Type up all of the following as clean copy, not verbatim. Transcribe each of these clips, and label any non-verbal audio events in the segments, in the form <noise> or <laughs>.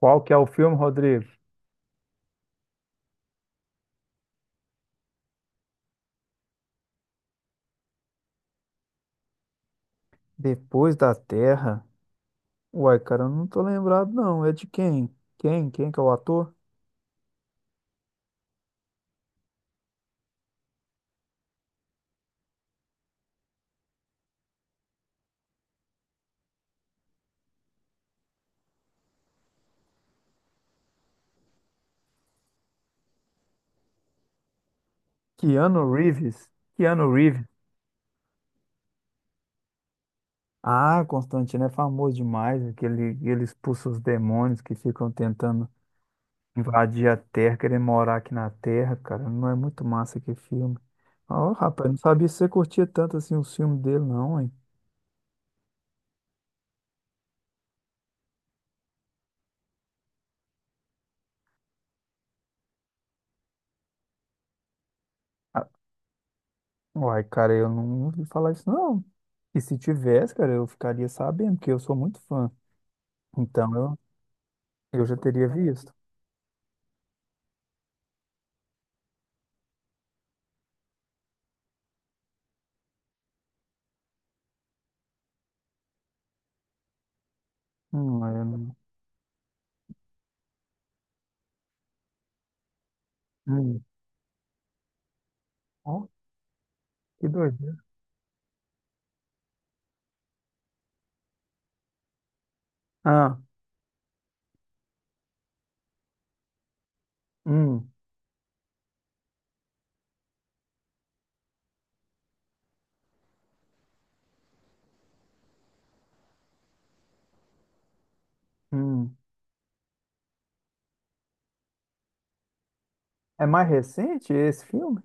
Qual que é o filme, Rodrigo? Depois da Terra? Uai, cara, eu não tô lembrado, não. É de quem? Quem? Quem que é o ator? Keanu Reeves. Keanu Reeves. Ah, Constantino é famoso demais. Aquele, ele expulsa os demônios que ficam tentando invadir a Terra, querendo morar aqui na Terra, cara. Não é muito massa que filme. Ó, rapaz, não sabia que você curtia tanto assim o filme dele, não, hein? Ah, uai, cara, eu não ouvi falar isso, não. E se tivesse, cara, eu ficaria sabendo, porque eu sou muito fã. Então, eu já teria visto. Hum. É. Hum. Ó, que doideira. Ah. Hum, hum. É mais recente esse filme?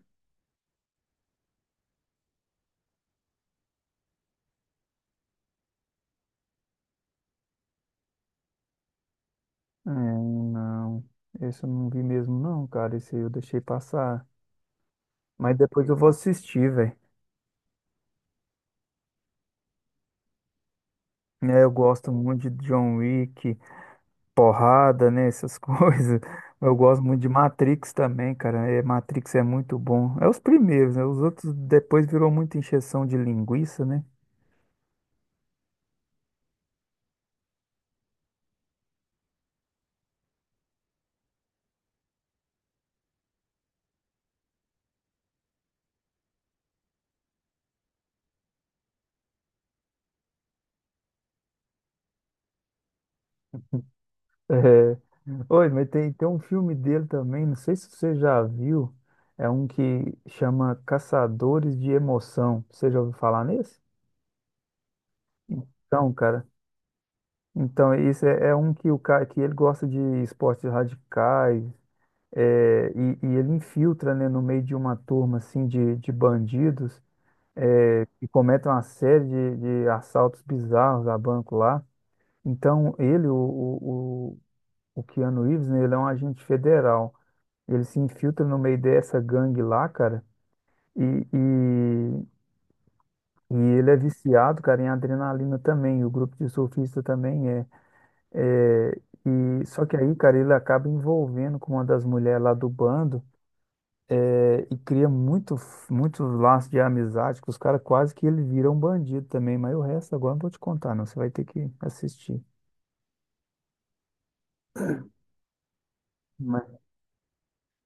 É, não. Esse eu não vi mesmo, não, cara. Esse eu deixei passar. Mas depois eu vou assistir, velho. Né, eu gosto muito de John Wick, porrada, né? Essas <laughs> coisas. Eu gosto muito de Matrix também, cara. É, Matrix é muito bom. É os primeiros, né? Os outros depois virou muita encheção de linguiça, né? É. Oi, mas tem um filme dele também, não sei se você já viu, é um que chama Caçadores de Emoção. Você já ouviu falar nesse? Então, cara, então esse é um que o cara que ele gosta de esportes radicais, é, e ele infiltra, né, no meio de uma turma assim de bandidos é, que cometem uma série de assaltos bizarros a banco lá. Então, ele, o Keanu Reeves, né, ele é um agente federal. Ele se infiltra no meio dessa gangue lá, cara. E, e, e ele é viciado, cara, em adrenalina também. O grupo de surfista também é. É, e, só que aí, cara, ele acaba envolvendo com uma das mulheres lá do bando é, e cria muito, muito laço de amizade que os caras quase que ele vira um bandido também. Mas o resto agora eu não vou te contar, não. Você vai ter que assistir. Mas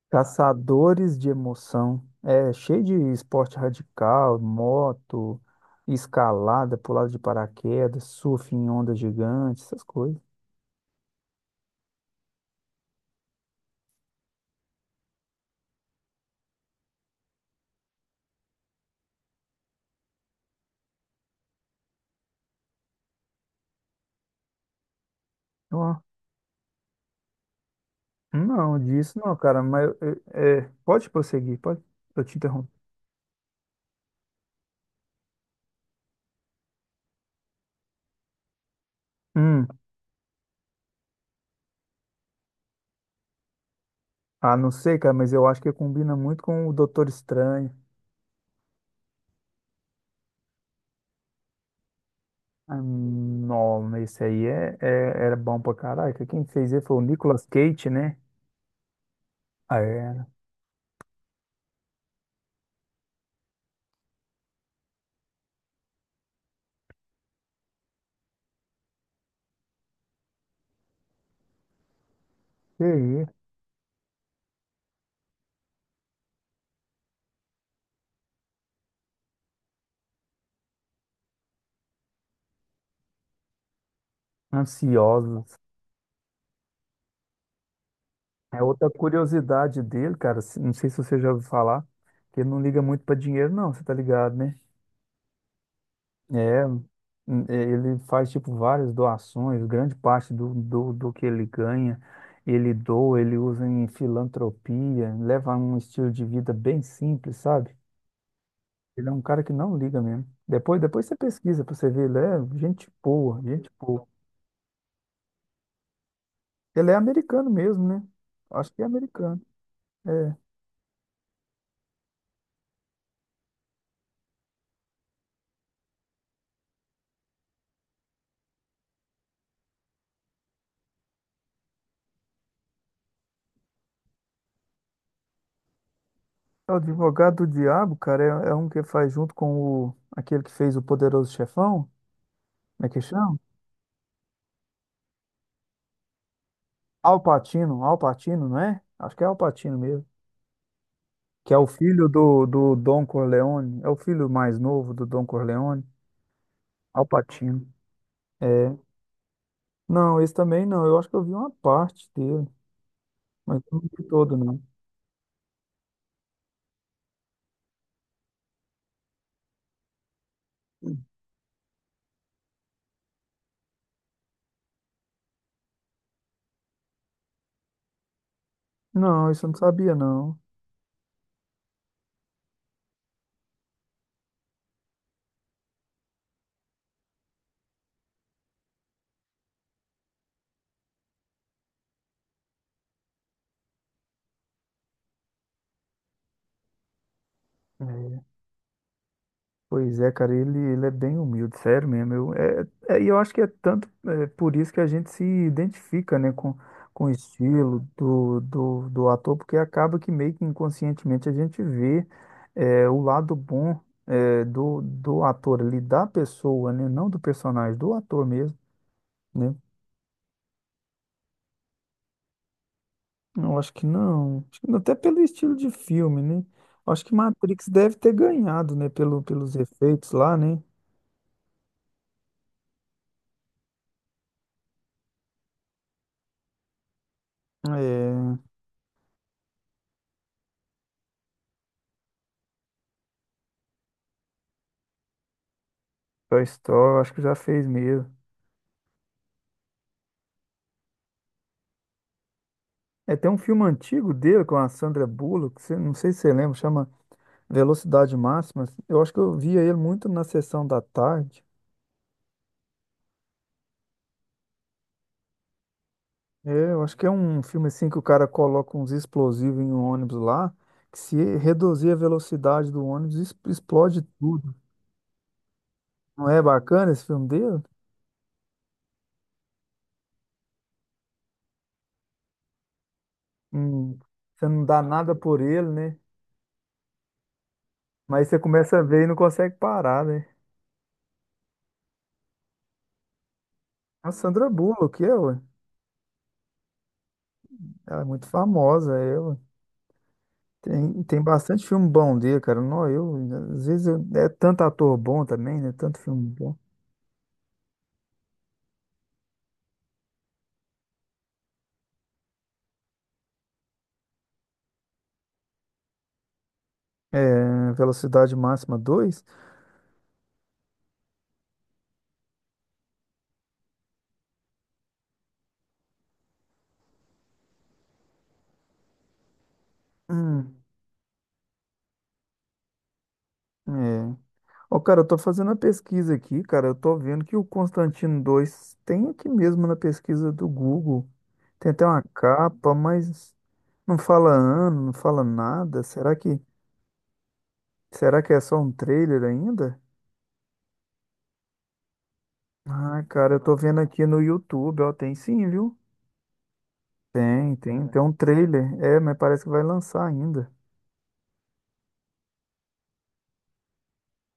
Caçadores de emoção. É cheio de esporte radical, moto, escalada, pulada de paraquedas, surf em ondas gigantes, essas coisas. Ó, não, disso não, cara, mas é, pode prosseguir, pode, eu te interrompo. Hum, ah, não sei, cara, mas eu acho que combina muito com o Doutor Estranho. Ah, não, mas esse aí é, era bom pra caraca. Quem fez ele foi o Nicolas Cage, né? Ah, era. Que isso? Ansiosos. É outra curiosidade dele, cara, não sei se você já ouviu falar, que ele não liga muito pra dinheiro, não, você tá ligado, né? É, é, ele faz, tipo, várias doações, grande parte do que ele ganha, ele doa, ele usa em filantropia, leva um estilo de vida bem simples, sabe? Ele é um cara que não liga mesmo. Depois você pesquisa pra você ver, ele é gente boa, gente boa. Ele é americano mesmo, né? Acho que é americano. É, é o advogado do diabo, cara, é um que faz junto com o, aquele que fez o Poderoso Chefão, como é que chama? Al Pacino, Al Pacino, não é? Acho que é Al Pacino mesmo. Que é o filho do Don Corleone, é o filho mais novo do Don Corleone, Al Pacino. É. Não, esse também não, eu acho que eu vi uma parte dele, mas não vi todo, não. Não, isso eu não sabia, não. É. Pois é, cara, ele é bem humilde, sério mesmo. E eu acho que é tanto é, por isso que a gente se identifica, né, com o estilo do ator, porque acaba que meio que inconscientemente a gente vê é, o lado bom é, do ator ali, da pessoa, né, não do personagem, do ator mesmo, né? Eu acho que não, até pelo estilo de filme, né? Acho que Matrix deve ter ganhado, né, pelo, pelos efeitos lá, né? É, Toy Story, acho que já fez mesmo. É, tem um filme antigo dele com a Sandra Bullock, não sei se você lembra, chama Velocidade Máxima. Eu acho que eu via ele muito na sessão da tarde. É, eu acho que é um filme assim que o cara coloca uns explosivos em um ônibus lá, que se reduzir a velocidade do ônibus, explode tudo. Não é bacana esse filme dele? Hum, você não dá nada por ele, né? Mas você começa a ver e não consegue parar, né? A Sandra Bullock, é, ué, ela é muito famosa, é, ué. Tem, tem bastante filme bom dele, cara. Não, eu, às vezes eu- é tanto ator bom também, né? Tanto filme bom. É, Velocidade Máxima dois. Hum, é. Ó, cara, eu tô fazendo a pesquisa aqui, cara. Eu tô vendo que o Constantino dois tem aqui mesmo na pesquisa do Google. Tem até uma capa, mas não fala ano, não fala nada. Será que é só um trailer ainda? Ah, cara, eu tô vendo aqui no YouTube, ó, tem sim, viu? Tem um trailer. É, mas parece que vai lançar ainda.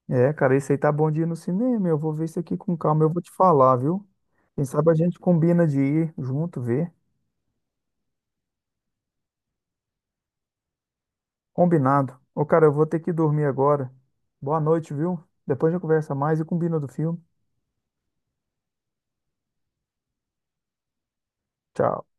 É, cara, esse aí tá bom de ir no cinema. Eu vou ver isso aqui com calma. Eu vou te falar, viu? Quem sabe a gente combina de ir junto, ver. Combinado. Ô, cara, eu vou ter que dormir agora. Boa noite, viu? Depois a gente conversa mais e combina do filme. Tchau.